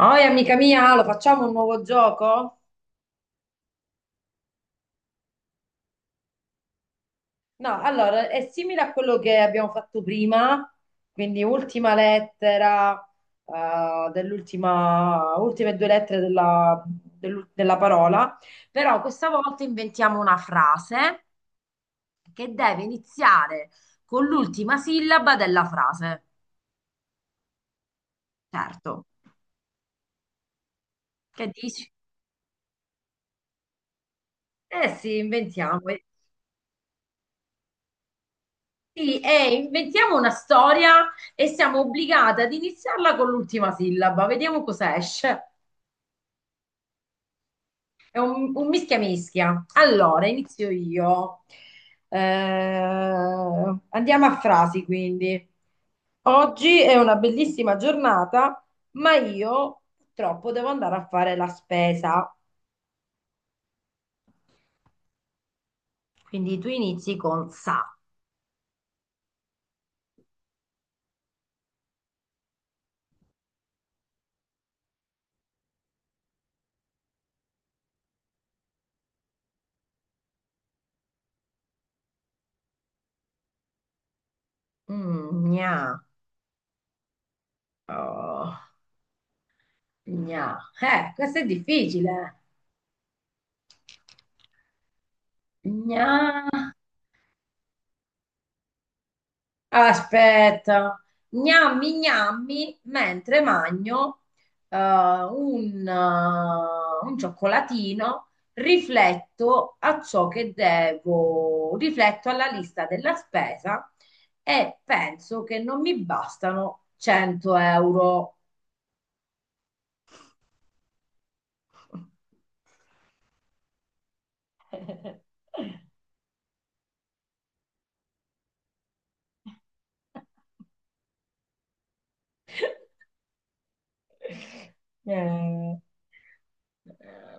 Oi, amica mia, lo facciamo un nuovo gioco? No, allora è simile a quello che abbiamo fatto prima, quindi ultima lettera, dell'ultima, ultime due lettere della, della parola, però questa volta inventiamo una frase che deve iniziare con l'ultima sillaba della frase. Certo, che dici? Eh sì, inventiamo. Sì, e inventiamo una storia e siamo obbligate ad iniziarla con l'ultima sillaba. Vediamo cosa esce. È un mischia mischia. Allora, inizio io. Eh, andiamo a frasi, quindi. Oggi è una bellissima giornata, ma io purtroppo devo andare a fare la spesa. Quindi tu inizi con sa. Mm, gna. Oh, gna. Questo è difficile. Gna. Aspetta, gnammi gnammi mentre magno un cioccolatino, rifletto a ciò che devo, rifletto alla lista della spesa e penso che non mi bastano 100 euro. Eh, eh,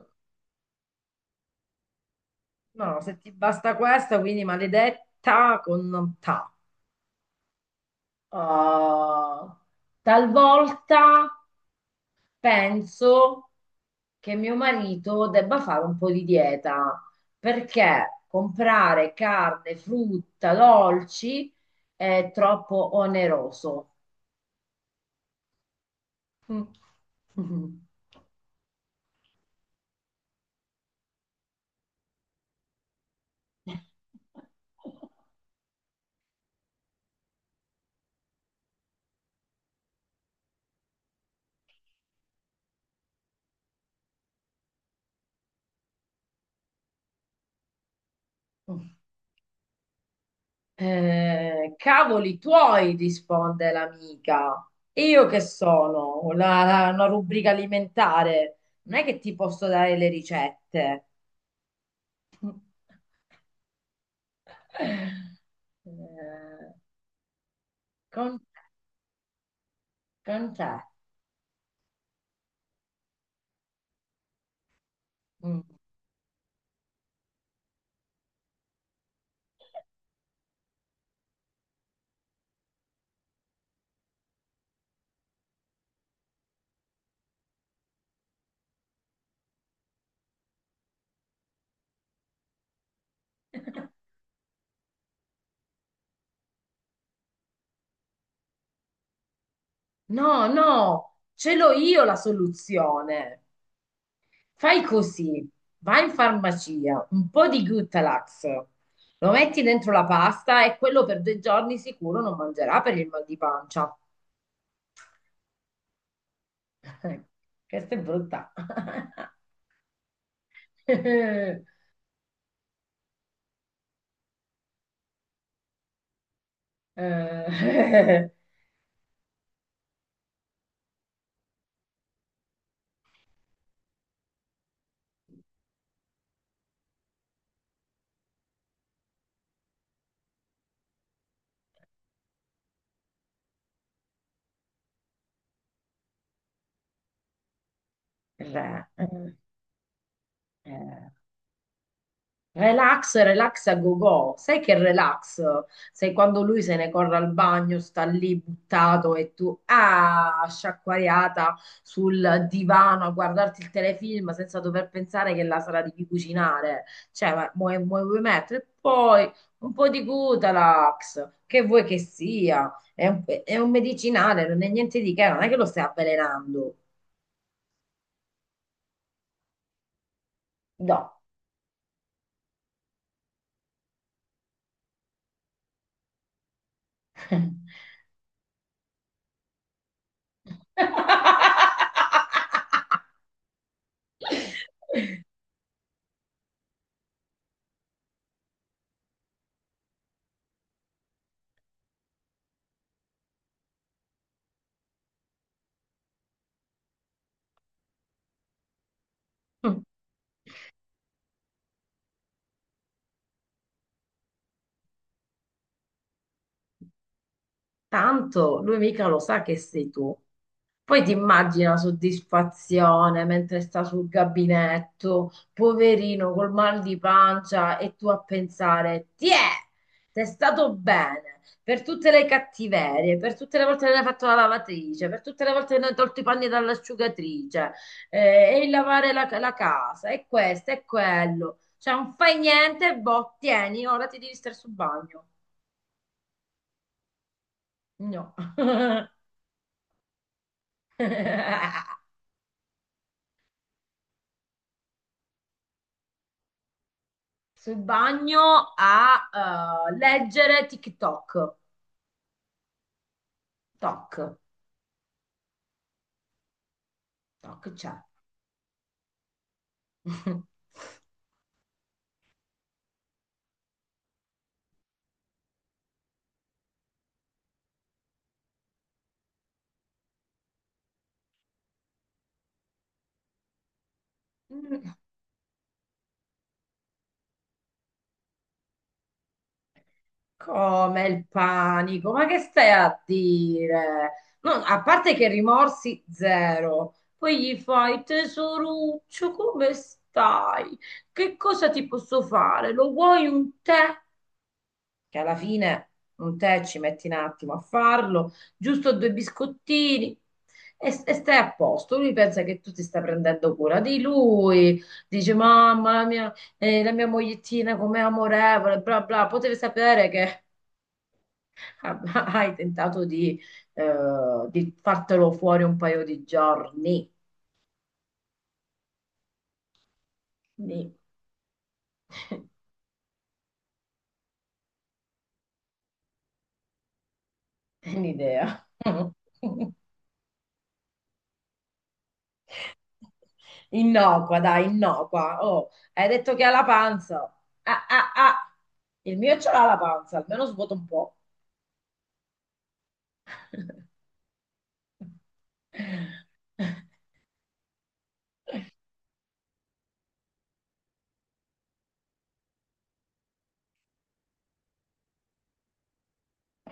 No, se ti basta questa, quindi maledetta con ta. Uh, talvolta penso che mio marito debba fare un po' di dieta perché comprare carne, frutta, dolci è troppo oneroso. Mm. Cavoli tuoi, risponde l'amica. E io che sono? Una rubrica alimentare. Non è che ti posso dare le ricette. Eh, Con, con te. Mm. No, no, ce l'ho io la soluzione. Fai così, vai in farmacia, un po' di Gutalax, lo metti dentro la pasta e quello per due giorni sicuro non mangerà per il mal di pancia. Questa è brutta. Eh, eh, eh, eh. Relax, relax a go-go. Sai che relax? Sai quando lui se ne corre al bagno, sta lì buttato e tu, ah, sciacquariata sul divano a guardarti il telefilm senza dover pensare che la sera devi cucinare. Cioè, ma vuoi mettere? E poi un po' di Gutalax, che vuoi che sia? È un medicinale, non è niente di che, non è che lo stai avvelenando. No. Mm, tanto lui mica lo sa che sei tu. Poi ti immagini la soddisfazione mentre sta sul gabinetto, poverino col mal di pancia e tu a pensare, ti è stato bene per tutte le cattiverie, per tutte le volte che hai fatto la lavatrice, per tutte le volte che ne hai tolto i panni dall'asciugatrice, e il lavare la casa, e questo, e quello. Cioè non fai niente, boh, tieni, ora ti devi stare sul bagno. No. Sul bagno a leggere TikTok. Toc, toc, c'è. Come il panico? Ma che stai a dire? No, a parte che rimorsi zero, poi gli fai tesoruccio, come stai? Che cosa ti posso fare? Lo vuoi un tè? Che alla fine un tè ci metti un attimo a farlo, giusto due biscottini e stai a posto. Lui pensa che tu ti stai prendendo cura di lui, dice mamma mia, la mia mogliettina com'è amorevole, bla bla, potevi sapere che hai tentato di, eh, di fartelo fuori un paio di giorni. Quindi, è un'idea. Innocua, dai, innocua. Oh, hai detto che ha la panza. Ah, ah, ah. Il mio ce l'ha la panza, almeno svuota un po'.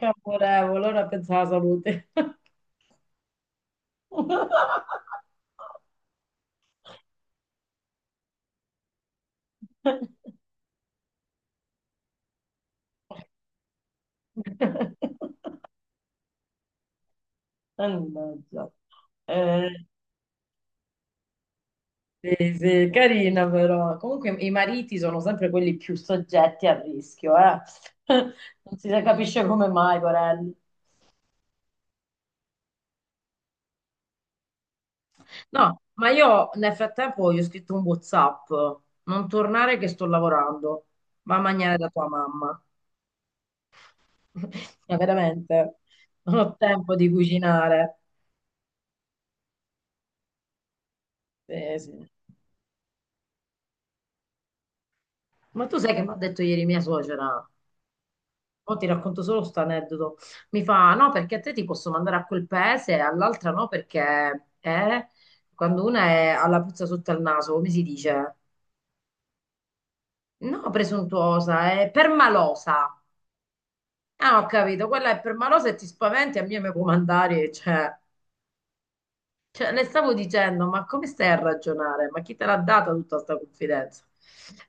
Amorevole, ora pensa alla salute. Mannaggia. Eh, sì, sì, carina però. Comunque i mariti sono sempre quelli più soggetti al rischio, eh. Non si capisce come mai, Corelli. No, ma io nel frattempo gli ho scritto un WhatsApp, non tornare che sto lavorando, va a mangiare da tua mamma. Ma veramente, non ho tempo di cucinare. Sì. Ma tu sai che mi ha detto ieri mia suocera? Mo ti racconto solo sto aneddoto. Mi fa, no, perché a te ti posso mandare a quel paese e all'altra no, perché quando una è alla puzza sotto al naso, come si dice? No, presuntuosa, è permalosa. Ah, ho capito, quella è per malosa e ti spaventi a me mi puoi mandare, cioè, le stavo dicendo, ma come stai a ragionare? Ma chi te l'ha data tutta questa confidenza?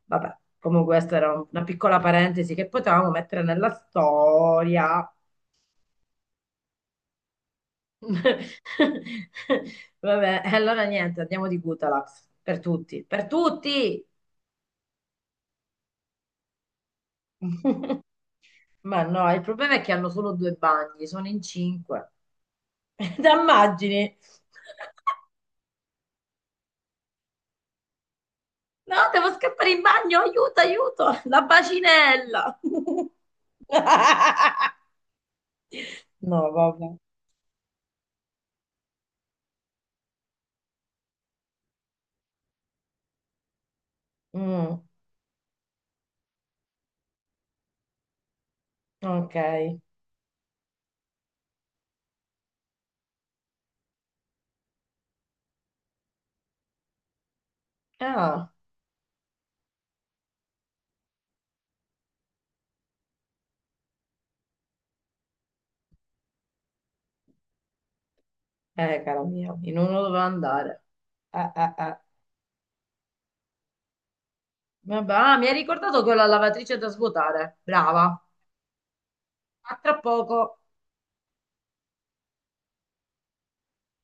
Vabbè, comunque questa era una piccola parentesi che potevamo mettere nella storia. Vabbè, e allora niente, andiamo di Gutalax, per tutti, per tutti! Ma no, il problema è che hanno solo due bagni, sono in cinque. Te immagini? No, devo scappare in bagno, aiuto, aiuto, la bacinella. No, vabbè. Mm, ok. Ah, caro mio, in uno doveva andare. Eh, eh, eh. Vabbè, ah, mi hai ricordato che ho la lavatrice da svuotare. Brava. A tra poco.